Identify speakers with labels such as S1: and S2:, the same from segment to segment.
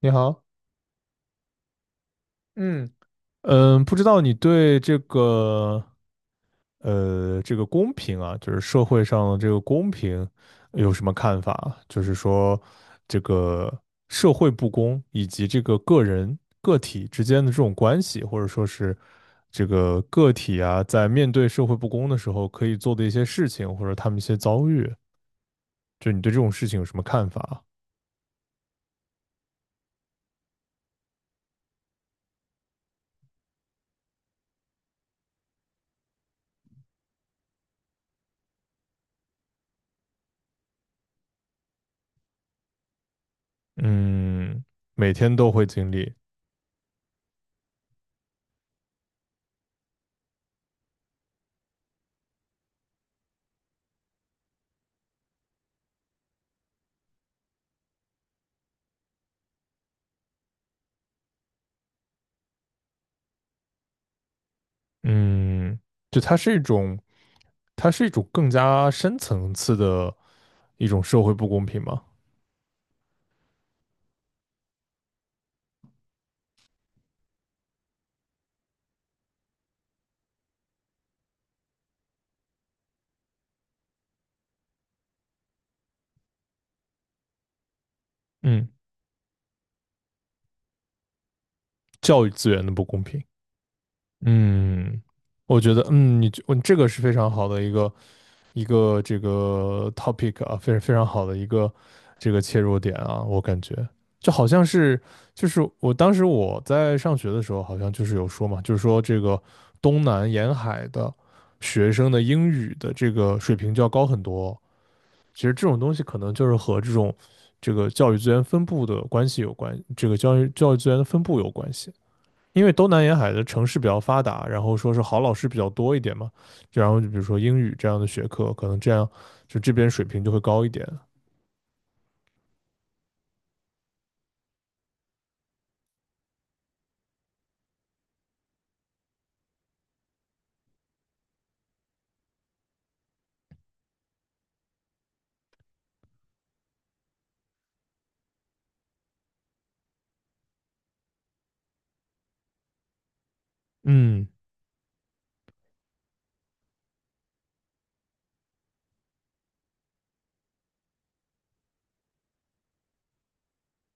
S1: 你好，嗯，不知道你对这个公平啊，就是社会上的这个公平有什么看法啊？就是说这个社会不公以及这个个人个体之间的这种关系，或者说是这个个体啊，在面对社会不公的时候可以做的一些事情，或者他们一些遭遇，就你对这种事情有什么看法啊？嗯，每天都会经历。嗯，就它是一种更加深层次的一种社会不公平嘛。嗯，教育资源的不公平。嗯，我觉得，你这个是非常好的一个这个 topic 啊，非常非常好的一个这个切入点啊，我感觉就好像是就是我当时在上学的时候，好像就是有说嘛，就是说这个东南沿海的学生的英语的这个水平就要高很多。其实这种东西可能就是和这个教育资源分布的关系有关，这个教育资源的分布有关系。因为东南沿海的城市比较发达，然后说是好老师比较多一点嘛，然后就比如说英语这样的学科，可能这样就这边水平就会高一点。嗯，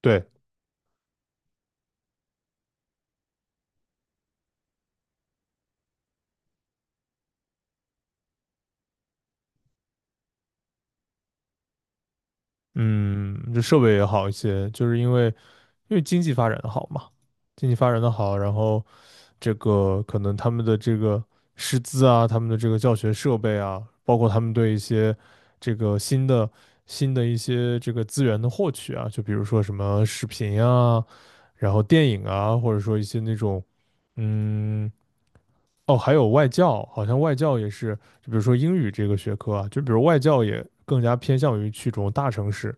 S1: 对，嗯，这设备也好一些，就是因为经济发展的好嘛，经济发展的好，然后这个可能他们的这个师资啊，他们的这个教学设备啊，包括他们对一些这个新的一些这个资源的获取啊，就比如说什么视频啊，然后电影啊，或者说一些那种，嗯，哦，还有外教，好像外教也是，就比如说英语这个学科啊，就比如外教也更加偏向于去这种大城市。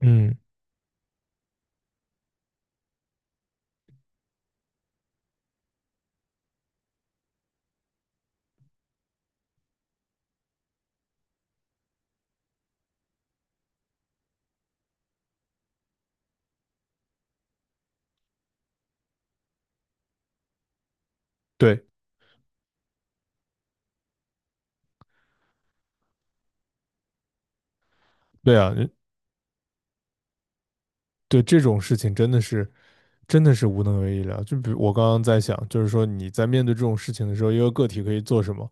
S1: 嗯，对，对啊，对这种事情真的是。真的是无能为力了。就比如我刚刚在想，就是说你在面对这种事情的时候，一个个体可以做什么？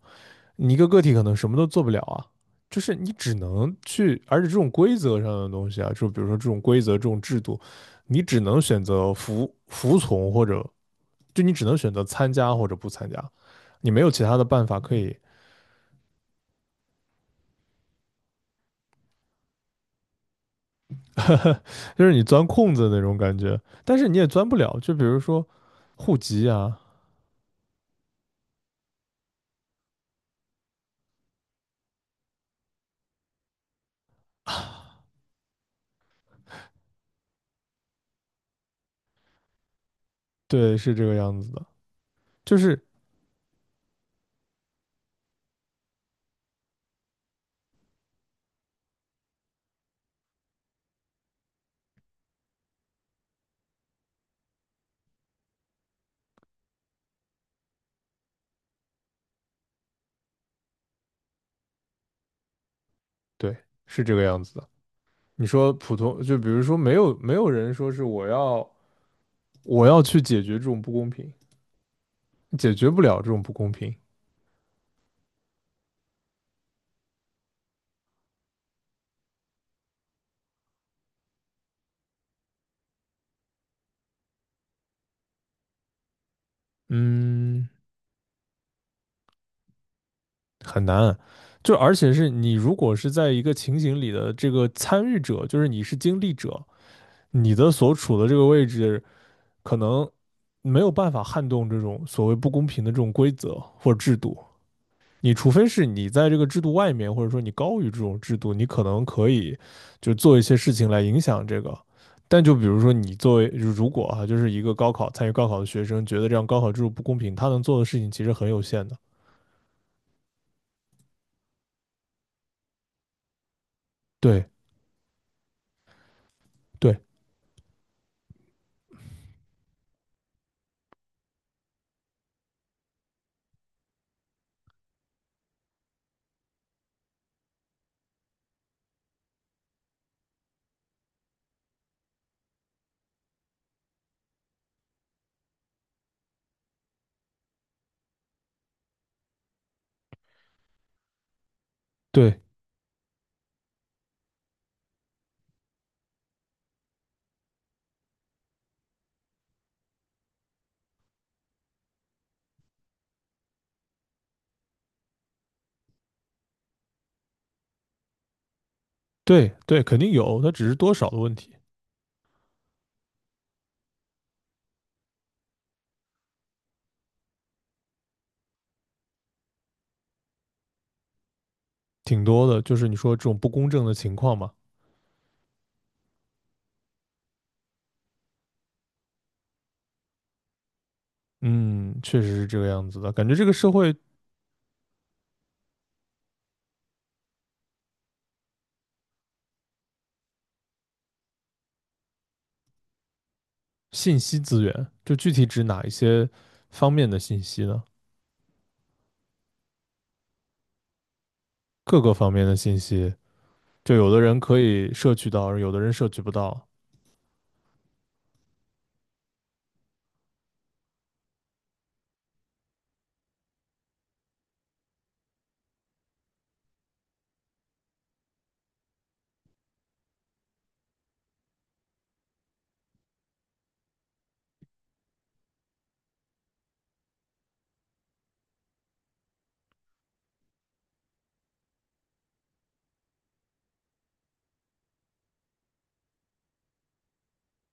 S1: 你一个个体可能什么都做不了啊，就是你只能去，而且这种规则上的东西啊，就比如说这种规则、这种制度，你只能选择服从，或者就你只能选择参加或者不参加，你没有其他的办法可以，就是你钻空子那种感觉，但是你也钻不了。就比如说户籍啊，对，是这个样子的，就是对，是这个样子的。你说普通，就比如说没有人说是我要去解决这种不公平，解决不了这种不公平，嗯，很难。就而且是你如果是在一个情景里的这个参与者，就是你是经历者，你的所处的这个位置可能没有办法撼动这种所谓不公平的这种规则或制度，你除非是你在这个制度外面，或者说你高于这种制度，你可能可以就做一些事情来影响这个。但就比如说你作为如果啊，就是一个高考参与高考的学生，觉得这样高考制度不公平，他能做的事情其实很有限的。对对对对对，肯定有，他只是多少的问题，挺多的。就是你说这种不公正的情况嘛，嗯，确实是这个样子的。感觉这个社会信息资源，就具体指哪一些方面的信息呢？各个方面的信息。就有的人可以摄取到，有的人摄取不到。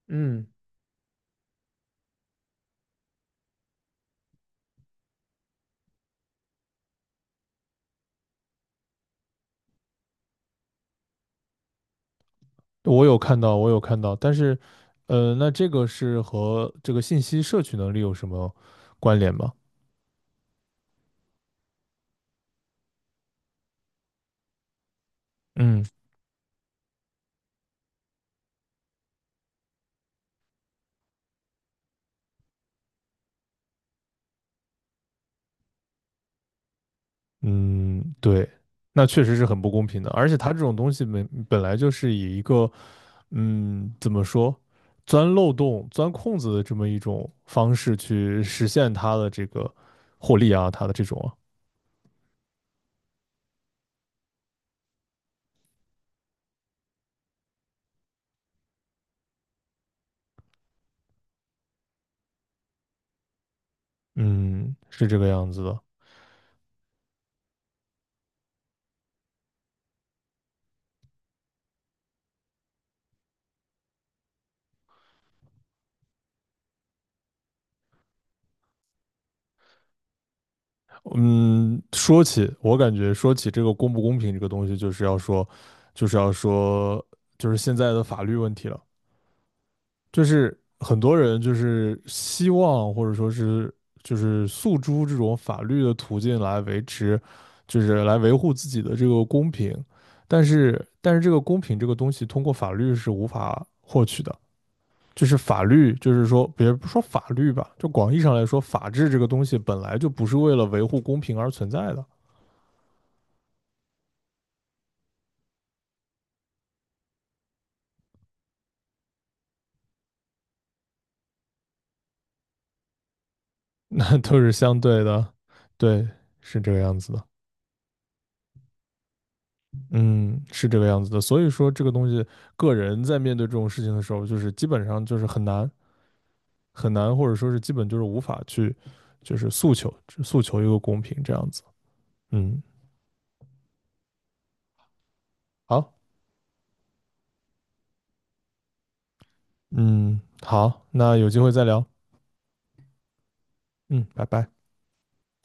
S1: 嗯我有看到，我有看到，但是，那这个是和这个信息摄取能力有什么关联吗？嗯嗯，对，那确实是很不公平的。而且它这种东西本来就是以一个，怎么说，钻漏洞、钻空子的这么一种方式去实现它的这个获利啊，它的这种啊，嗯，是这个样子的。嗯，我感觉说起这个公不公平这个东西，就是要说，就是现在的法律问题了。就是很多人就是希望或者说是就是诉诸这种法律的途径来维持，就是来维护自己的这个公平。但是这个公平这个东西通过法律是无法获取的。就是法律，就是说，别不说法律吧，就广义上来说，法治这个东西本来就不是为了维护公平而存在的。都是相对的，对，是这个样子的，嗯，是这个样子的。所以说，这个东西，个人在面对这种事情的时候，就是基本上就是很难很难，或者说是基本就是无法去，就是诉求一个公平这样子。嗯，好，嗯，好，那有机会再聊，嗯，拜拜。